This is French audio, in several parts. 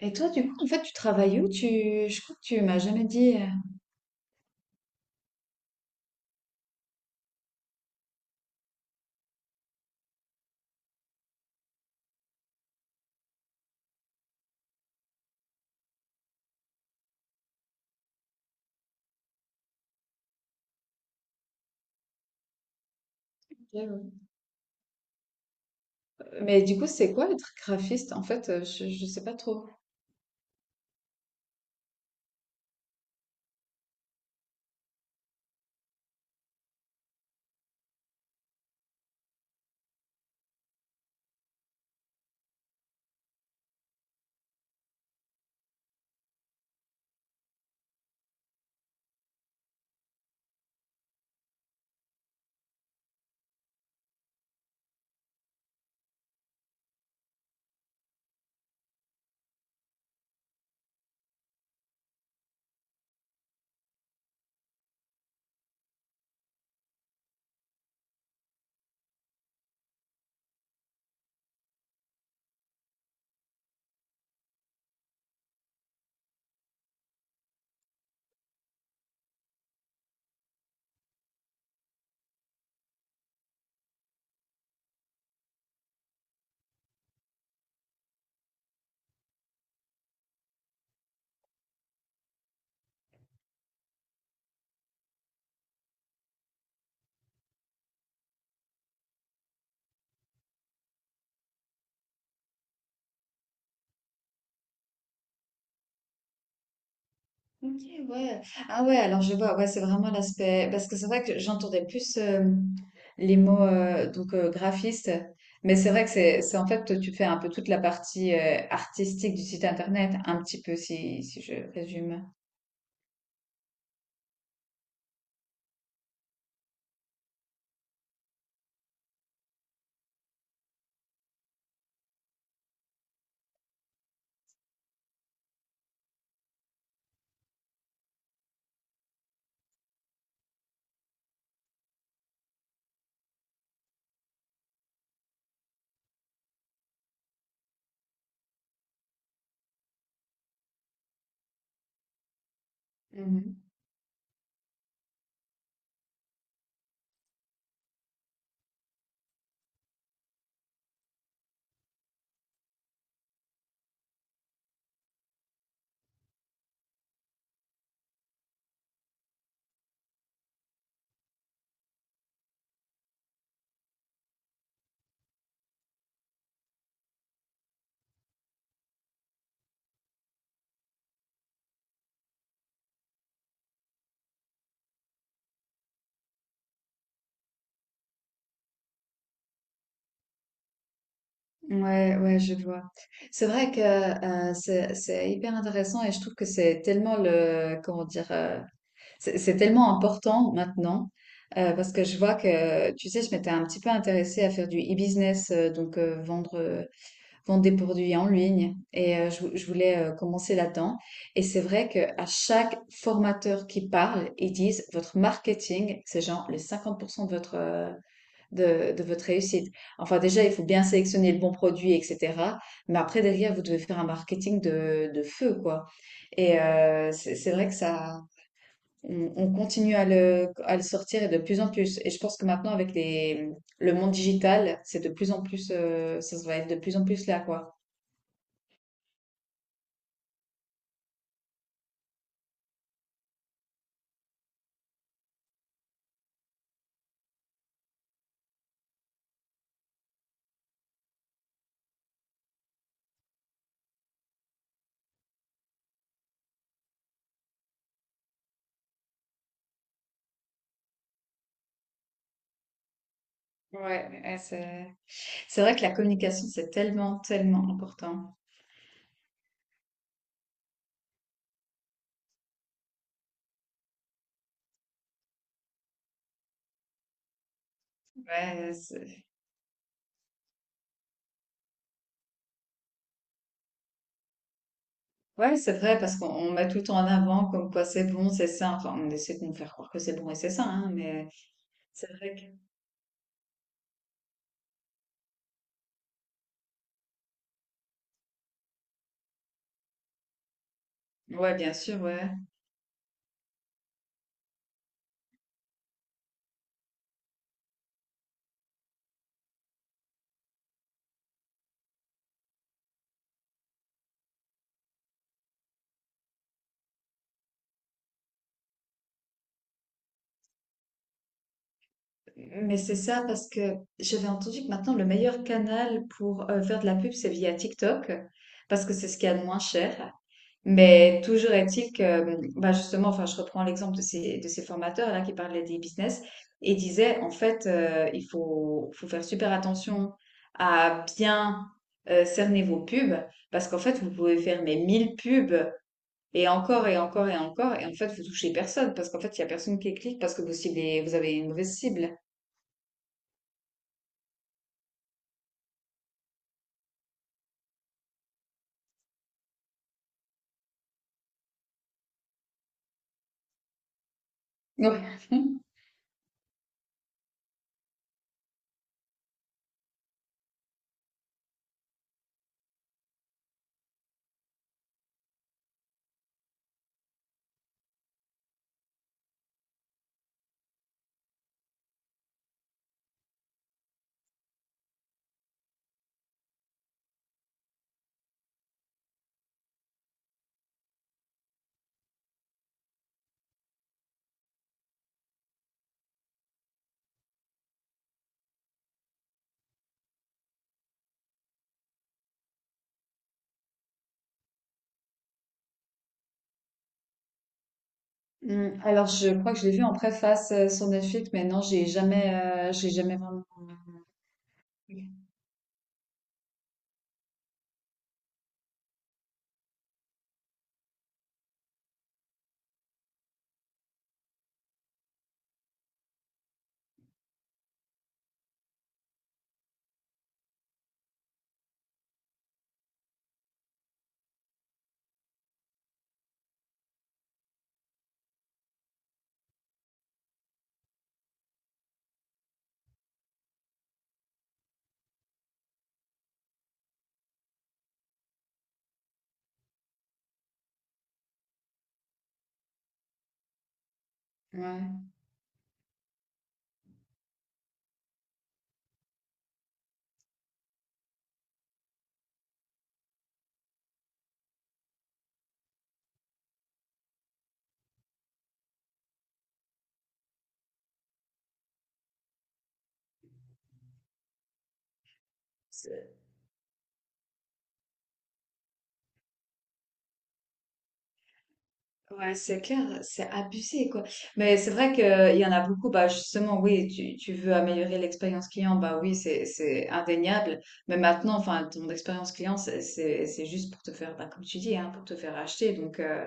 Et toi, du coup, en fait, tu travailles où? Tu... Je crois que tu m'as jamais dit. Ok, ouais. Mais du coup, c'est quoi être graphiste? En fait, je sais pas trop. Ok, ouais. Ah ouais, alors je vois, ouais, c'est vraiment l'aspect. Parce que c'est vrai que j'entendais plus les mots donc graphiste. Mais c'est vrai que c'est en fait, tu fais un peu toute la partie artistique du site internet, un petit peu si je résume. Ouais, ouais, je vois. C'est vrai que c'est hyper intéressant et je trouve que c'est tellement le comment dire c'est tellement important maintenant parce que je vois que tu sais je m'étais un petit peu intéressée à faire du e-business donc vendre vendre des produits en ligne et je voulais commencer là-dedans et c'est vrai que à chaque formateur qui parle ils disent votre marketing c'est genre les 50% de votre de votre réussite. Enfin, déjà, il faut bien sélectionner le bon produit, etc. Mais après, derrière, vous devez faire un marketing de feu, quoi. Et c'est vrai que ça, on continue à le sortir et de plus en plus. Et je pense que maintenant, avec le monde digital, c'est de plus en plus, ça va être de plus en plus là, quoi. Ouais, ouais, c'est vrai que la communication, c'est tellement, tellement important. Ouais, ouais, c'est vrai, parce qu'on met tout en avant comme quoi c'est bon, c'est sain. Enfin, on essaie de nous faire croire que c'est bon et c'est sain, hein, mais c'est vrai que... Ouais, bien sûr, ouais. Mais c'est ça parce que j'avais entendu que maintenant, le meilleur canal pour faire de la pub, c'est via TikTok, parce que c'est ce qu'il y a de moins cher. Mais toujours est-il que, bah justement, enfin, je reprends l'exemple de de ces formateurs là qui parlaient des business et disaient en fait, faut faire super attention à bien cerner vos pubs parce qu'en fait, vous pouvez faire mes 1000 pubs et encore et encore et encore et en fait, vous touchez personne parce qu'en fait, il y a personne qui clique parce que vous ciblez, vous avez une mauvaise cible. Donc, Mm, alors, je crois que je l'ai vu en préface sur Netflix, mais non, j'ai jamais vraiment. Ouais. Ouais, c'est clair, c'est abusé, quoi. Mais c'est vrai qu'il y en a beaucoup, bah justement, oui, tu veux améliorer l'expérience client, bah oui, c'est indéniable. Mais maintenant, enfin, ton expérience client, c'est juste pour te faire, bah, comme tu dis, hein, pour te faire acheter. Donc,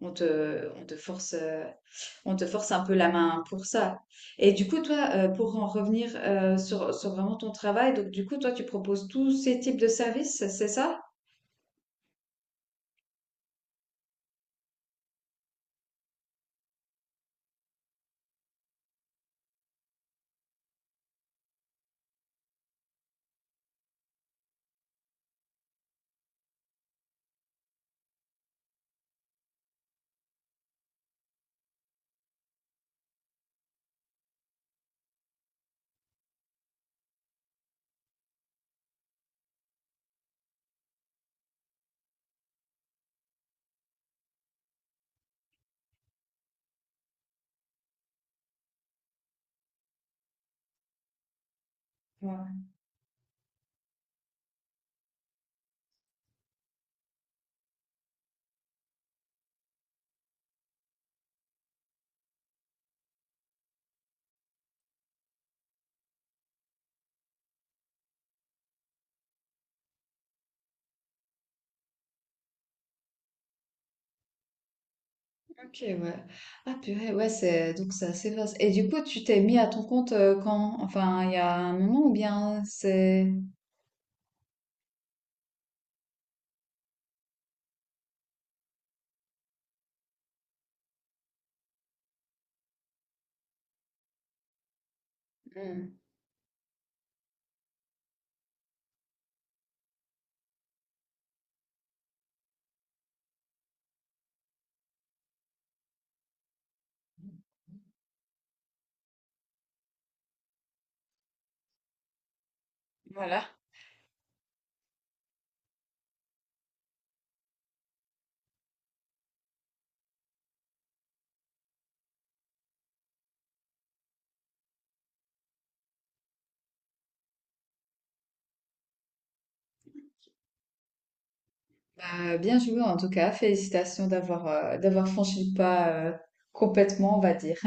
on te, on te force, euh, on te force un peu la main pour ça. Et du coup, toi, pour en revenir sur vraiment ton travail, donc du coup, toi, tu proposes tous ces types de services, c'est ça? Ok, ouais. Ah purée, ouais, c'est donc c'est assez vaste. Et du coup, tu t'es mis à ton compte quand? Enfin, il y a un moment ou bien c'est... Hmm. Voilà. Bah, bien joué en tout cas. Félicitations d'avoir d'avoir franchi le pas complètement, on va dire.